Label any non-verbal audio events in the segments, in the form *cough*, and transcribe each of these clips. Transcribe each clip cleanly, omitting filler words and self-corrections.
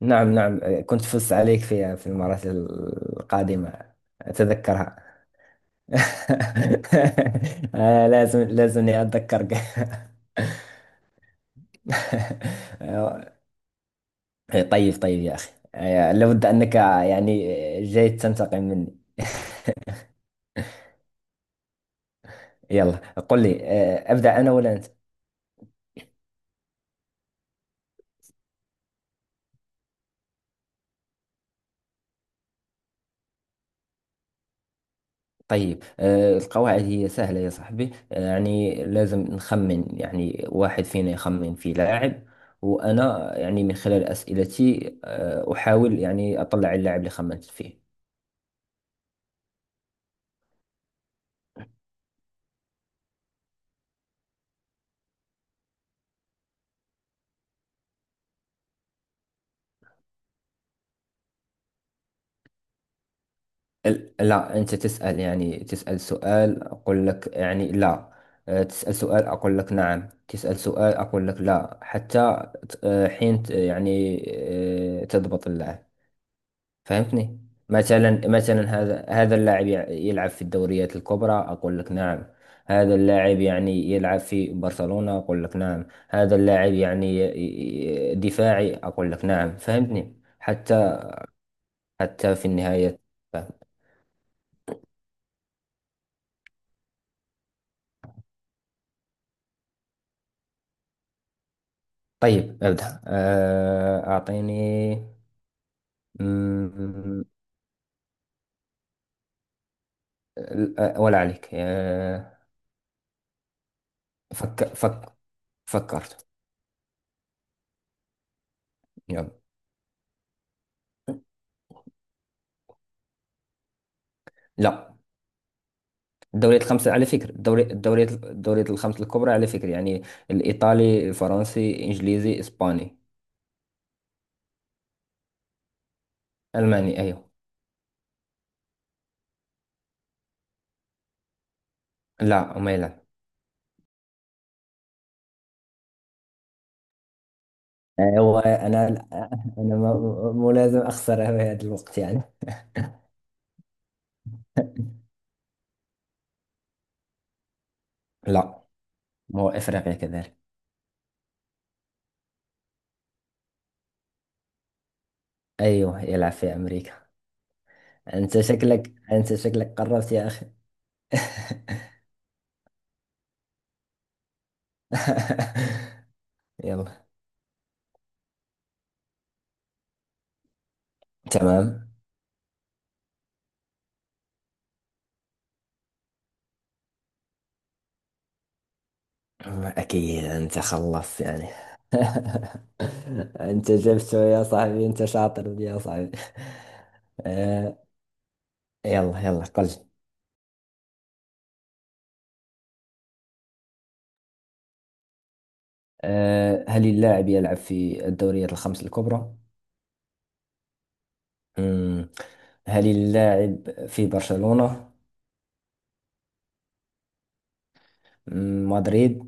نعم نعم، كنت فزت عليك فيها في المرات القادمة. أتذكرها. *laughs* لازمني أتذكرك. *laughs* آه، طيب يا أخي، لابد أنك يعني جاي تنتقم مني. *laughs* يلا، قل لي، أبدأ أنا ولا أنت؟ طيب، القواعد هي سهلة يا صاحبي، يعني لازم نخمن، يعني واحد فينا يخمن في لاعب، وأنا يعني من خلال أسئلتي أحاول يعني أطلع اللاعب اللي خمنت فيه. لا، أنت تسأل، يعني تسأل سؤال أقول لك يعني لا، تسأل سؤال أقول لك نعم، تسأل سؤال أقول لك لا، حتى حين يعني تضبط اللاعب. فهمتني؟ مثلا مثلا هذا اللاعب يلعب في الدوريات الكبرى، اقول لك نعم. هذا اللاعب يعني يلعب في برشلونة، اقول لك نعم. هذا اللاعب يعني دفاعي، اقول لك نعم. فهمتني حتى حتى في النهاية. فهم. طيب ابدأ، اعطيني. مم، ولا عليك. فك فك فكرت. يلا. لا. الدوريات الخمسة على فكرة، الدوريات الخمسة الكبرى على فكرة، يعني الإيطالي، الفرنسي، إنجليزي، إسباني. ألماني أيوه. لا ما يلعب. هو انا انا ملازم اخسر في هذا الوقت يعني. لا، هو إفريقيا كذلك. ايوه يلعب في امريكا. انت شكلك قربت يا اخي. *laughs* يلا. تمام. أكيد أنت خلصت يعني. *laughs* أنت جبته يا صاحبي، أنت شاطر يا صاحبي. *laughs* آه. يلا يلا، قل. هل اللاعب يلعب في الدوريات الخمس الكبرى؟ مم. هل اللاعب في برشلونة؟ مدريد؟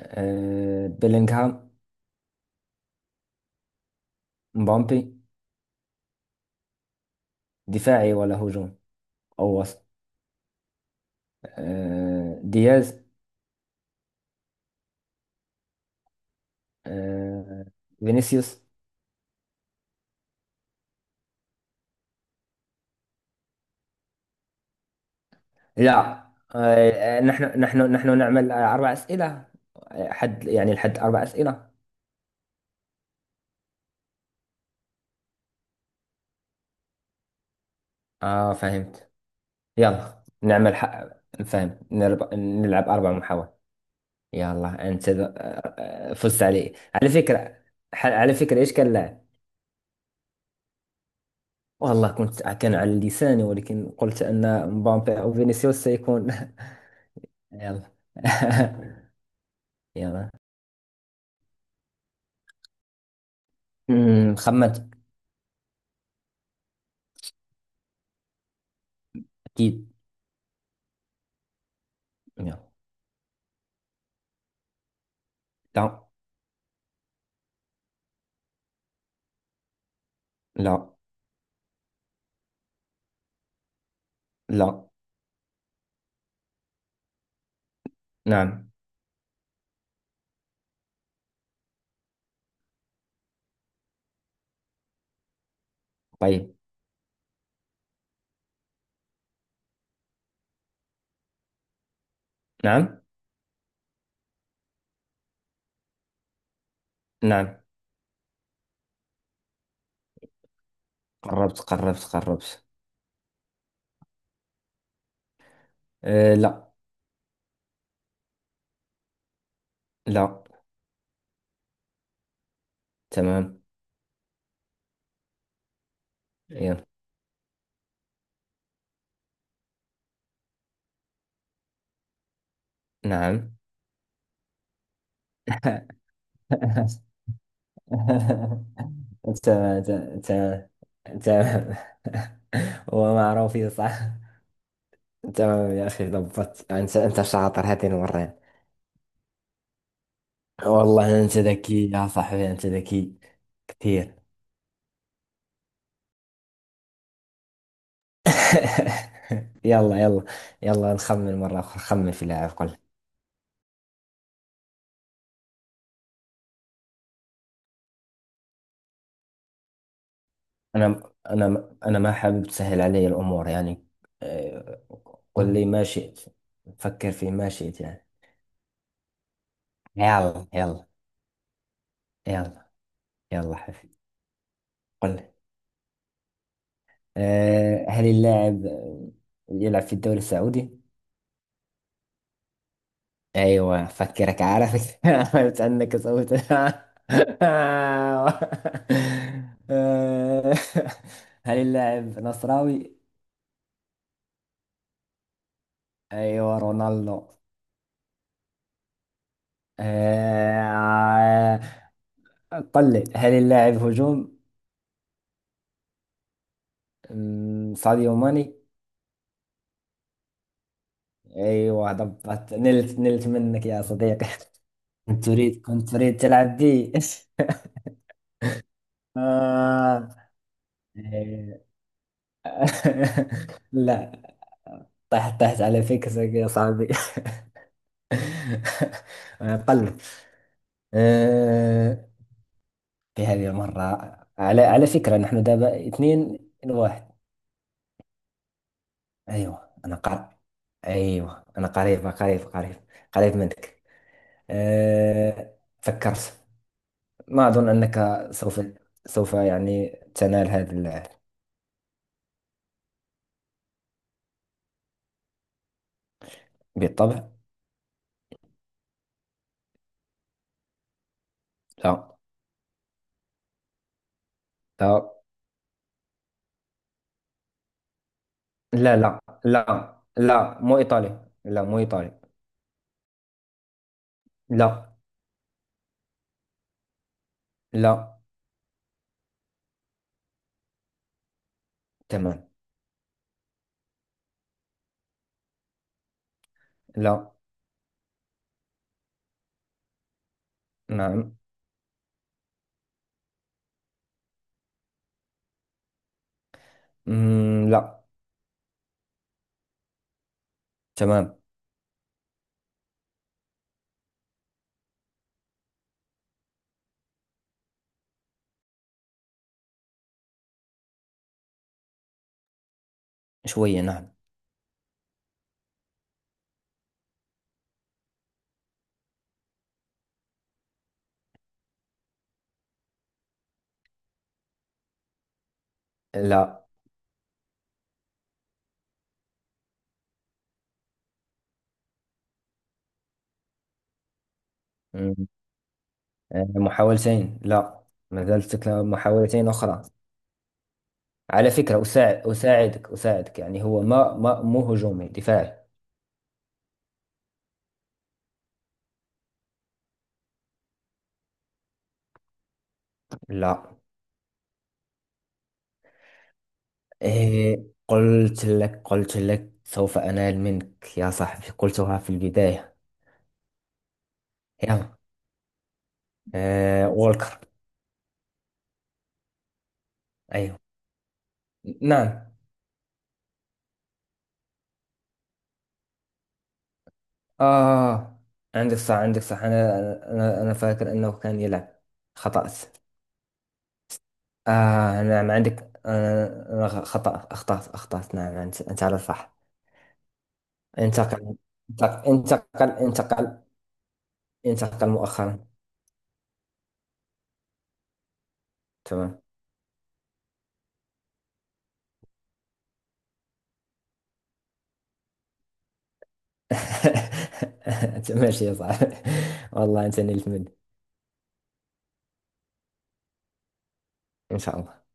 آه، بيلينغهام؟ مبابي؟ دفاعي ولا هجوم؟ أو وسط؟ آه، دياز؟ آه، فينيسيوس؟ لا. نحن نعمل أربع أسئلة، حد يعني الحد أربع أسئلة. آه فهمت. يلا نعمل فهمت. نلعب أربع محاولات. يلا، أنت فزت علي على فكرة. على فكرة إيش كان اللاعب؟ والله كنت، كان على لساني، ولكن قلت أن مبابي أو فينيسيوس سيكون. *laughs* يلا. *laughs* يلا. خمنت. أكيد. يلا. لا. لا. لا. نعم. طيب. نعم. نعم. قربت قربت قربت. أه لا. لا. تمام. يلا. نعم. *laughs* تمام تمام تمام. تمام. هو معروف *laughs* صح؟ تمام يا أخي، ضبطت، أنت أنت شاطر هذه المرة. والله أنت ذكي يا صاحبي، أنت ذكي. كثير. *laughs* يلا يلا. يلا نخمن مرة أخرى. خمن في لاعب، قل. أنا ما حابب تسهل علي الأمور يعني. آه، قل لي ما شئت. فكر في ما شئت يعني. يلا يلا. يلا يلا حبيبي، قل لي. هل اللاعب يلعب في الدوري السعودي؟ ايوه، فكرك عارفك. *laughs* عرفت أنك سويت. *laughs* آه، هل اللاعب نصراوي؟ أيوة، رونالدو. آه، قل لي، هل اللاعب هجوم؟ ساديو ماني. ايوه ضبطت، نلت منك يا صديقي. *laughs* كنت تريد، تلعب بي. *laughs* آه. إيه. *laughs* لا، طحت على فكرك يا صاحبي. *laughs* أنا قلب. آه. في هذه المرة على فكرة نحن دابا اثنين لواحد. ايوه انا ايوه انا قريب قريب قريب، قريب منك. آه. فكرت. ما أظن أنك سوف يعني تنال هذا بالطبع. لا لا لا لا، لا لا مو إيطالي، لا مو إيطالي. لا. لا. تمام. لا. نعم. لا. تمام. شوية نعم. لا. مم، محاولتين لا، ما زالت لك محاولتين أخرى. على فكرة أساعدك أساعدك يعني، هو ما ما مو هجومي، دفاعي. لا. إيه، قلت لك سوف أنال منك يا صاحبي، قلتها في البداية. يلا. إيه، وولكر. أيوه. نعم. آه، عندك صح، عندك صح. أنا فاكر أنه كان يلعب. خطأت. آه نعم عندك، أنا أنا خطأ أخطأت أخطأت، نعم أنت، أنت على الصح. انتقل انتقل انتقل مؤخرا. تمام. *laughs* ماشي يا صاحبي، والله أنت نلت مني. إن شاء الله.